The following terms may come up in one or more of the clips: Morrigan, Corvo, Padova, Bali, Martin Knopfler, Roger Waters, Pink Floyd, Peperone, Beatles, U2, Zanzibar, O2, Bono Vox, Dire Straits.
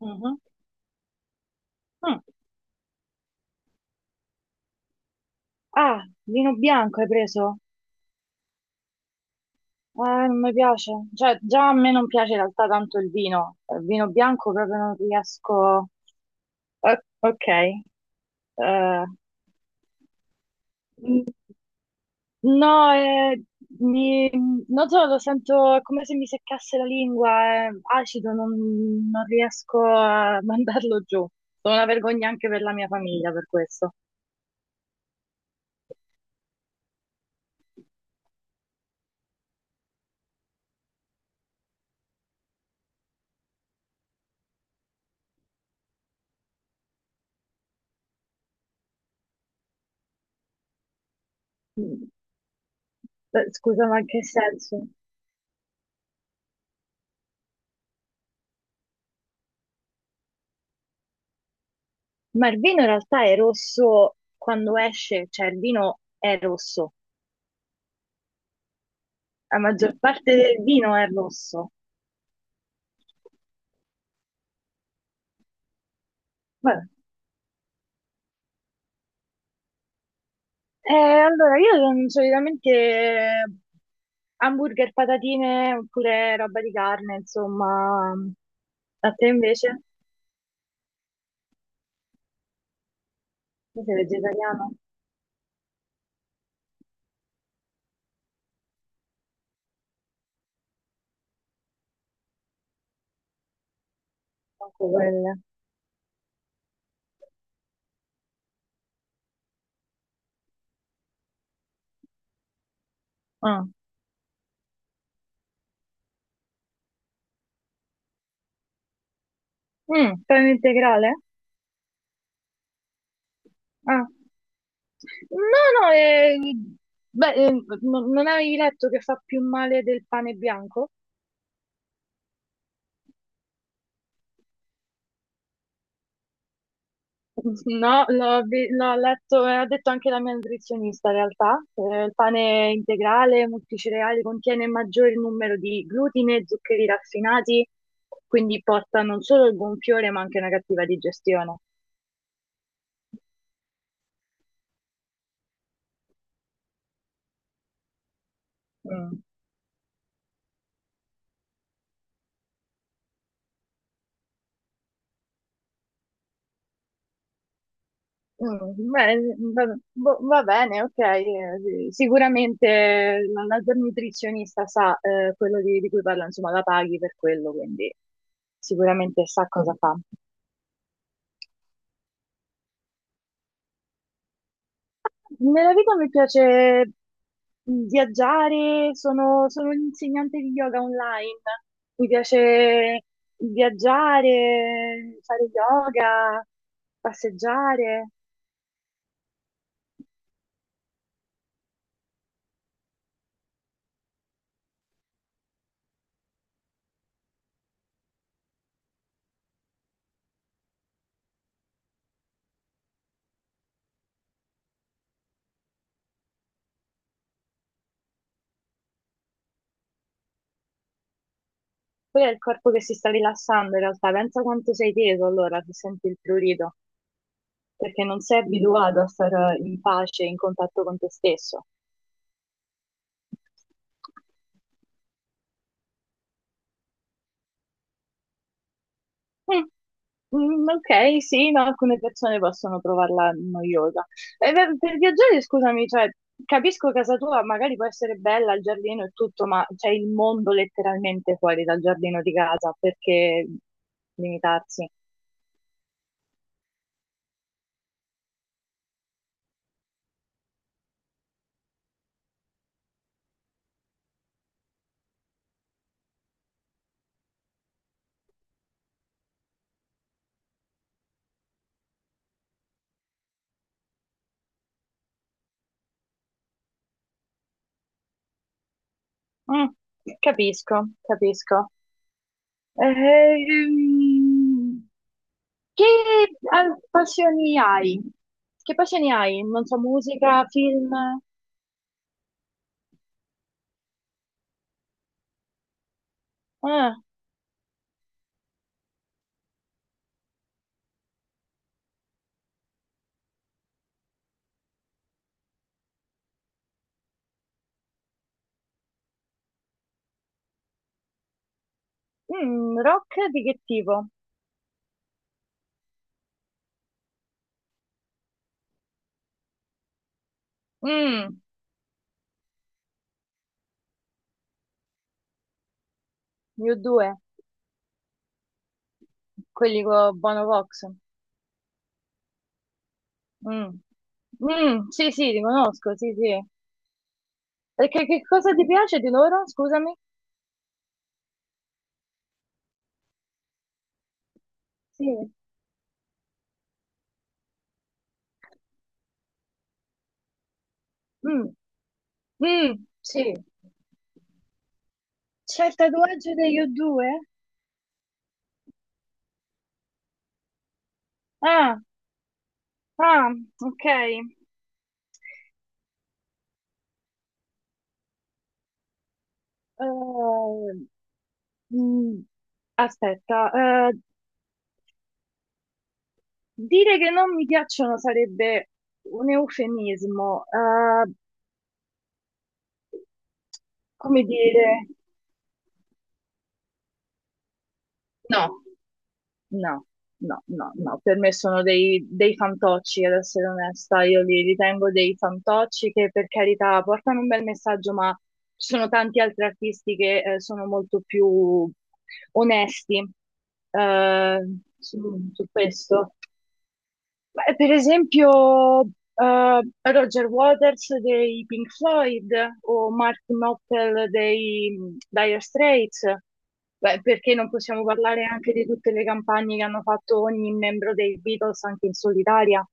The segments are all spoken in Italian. Mhm. Mm. Ah, vino bianco hai preso? Non mi piace. Cioè, già a me non piace in realtà tanto il vino. Il vino bianco proprio non riesco. Ok. Eh, mm, no, mi- non so, lo sento è come se mi seccasse la lingua, è acido, non riesco a mandarlo giù. Sono una vergogna anche per la mia famiglia per questo. Mm. Scusa, ma in che senso? Ma il vino in realtà è rosso quando esce, cioè il vino è rosso, la maggior parte del vino è rosso. Vabbè. Allora, io non- solitamente hamburger, patatine oppure roba di carne, insomma. A te invece? Tu sei vegetariano? Anche quelle. Ah. Pane integrale? Ah. No, no, beh, non avevi letto che fa più male del pane bianco? No, l'ho letto e ha detto anche la mia nutrizionista in realtà. Il pane integrale, multicereali, contiene maggior numero di glutine e zuccheri raffinati, quindi porta non solo il gonfiore ma anche una cattiva digestione. Mm. Beh, va, boh, va bene, ok. Sì, sicuramente la tua nutrizionista sa quello di cui parla, insomma, la paghi per quello, quindi sicuramente sa cosa fa. Nella vita mi piace viaggiare, sono un'insegnante di yoga online, mi piace viaggiare, fare yoga, passeggiare. Poi è il corpo che si sta rilassando in realtà, pensa quanto sei teso allora se senti il prurito, perché non sei abituato a stare in pace, in contatto con te stesso. Mm. Ok, sì, no, alcune persone possono trovarla noiosa. E per viaggiare, scusami, cioè, capisco casa tua, magari può essere bella il giardino e tutto, ma c'è il mondo letteralmente fuori dal giardino di casa, perché limitarsi? Mm, capisco, capisco. Ehm, che Passioni hai? Che passioni hai? Non so, musica, film? Ah, rock di che tipo? Mm, io due. Quelli con Bono Vox. Mm. Mm, sì, sì, li conosco, sì, sì. Perché che cosa ti piace di loro? Scusami. Sì. Mm, mm, sì. C'è il tatuaggio degli O2? Ah, ah, ok. Eh, mm, Aspetta, eh, dire che non mi piacciono sarebbe un eufemismo. Come dire? No. No, no, no, no, per me sono dei fantocci, ad essere onesta, io li ritengo dei fantocci che per carità portano un bel messaggio, ma ci sono tanti altri artisti che sono molto più onesti eh, su, su questo. Beh, per esempio, eh, Roger Waters dei Pink Floyd o Martin Knopfler dei Dire Straits. Beh, perché non possiamo parlare anche di tutte le campagne che hanno fatto ogni membro dei Beatles anche in solitaria?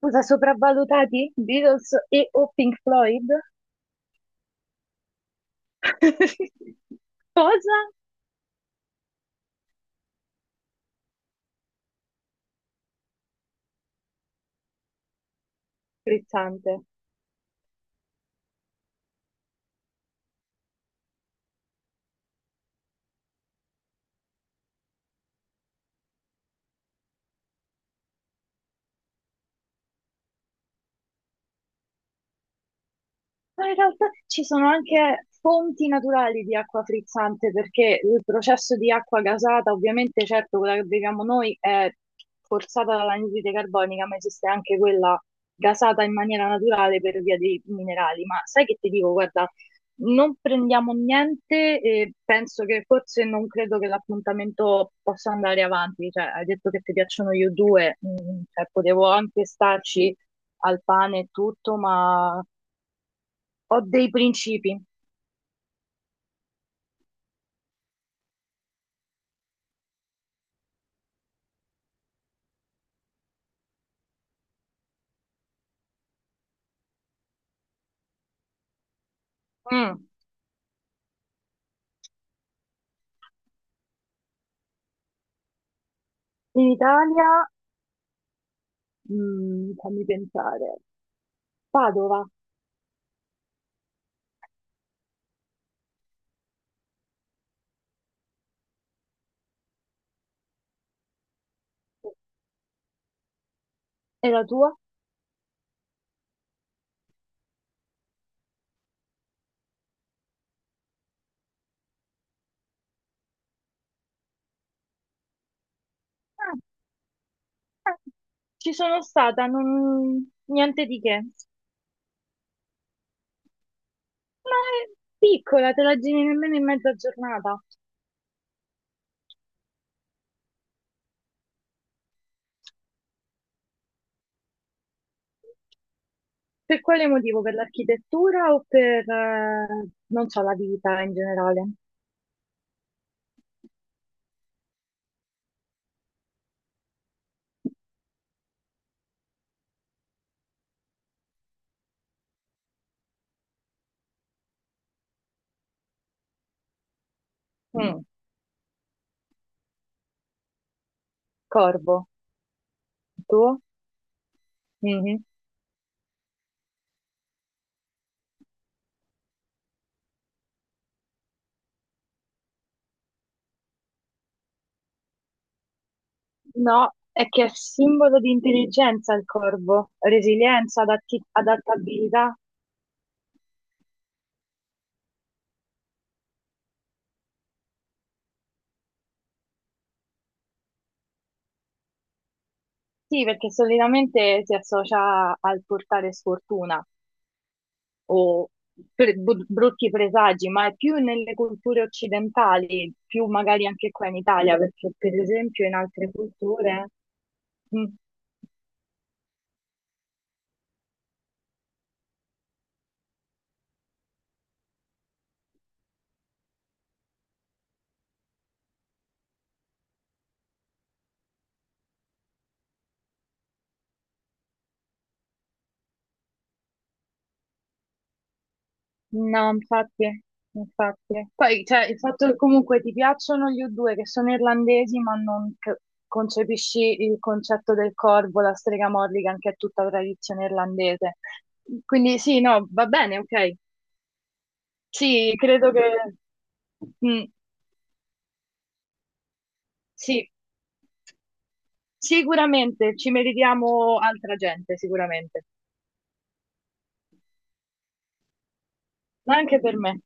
Cosa sopravvalutati? Beatles o Pink Floyd? Cosa? Frizzante. Ma in realtà ci sono anche fonti naturali di acqua frizzante perché il processo di acqua gasata, ovviamente, certo, quella che beviamo noi è forzata dall'anidride carbonica, ma esiste anche quella gasata in maniera naturale per via dei minerali. Ma sai che ti dico, guarda, non prendiamo niente e penso che forse non credo che l'appuntamento possa andare avanti. Cioè, hai detto che ti piacciono io due, cioè, potevo anche starci al pane e tutto, ma ho dei principi. Mm. In Italia, fammi pensare, Padova è la tua? Ah, ci sono stata, non, niente di che. Ma è piccola, te la giri nemmeno in mezza giornata. Per quale motivo? Per l'architettura o per, non so, la vita in generale? Mm, corvo, tu? Mhm. No, è che è simbolo di intelligenza il corvo, resilienza, adattabilità. Sì, perché solitamente si associa al portare sfortuna o brutti presagi, ma è più nelle culture occidentali, più magari anche qua in Italia, perché per esempio in altre culture. Mm, no, infatti, infatti. Poi, cioè, il fatto che comunque ti piacciono gli U2 che sono irlandesi, ma non concepisci il concetto del corvo, la strega Morrigan, che è tutta tradizione irlandese. Quindi sì, no, va bene, ok. Sì, credo che. Mm, sì, sicuramente ci meritiamo altra gente, sicuramente, ma anche per me.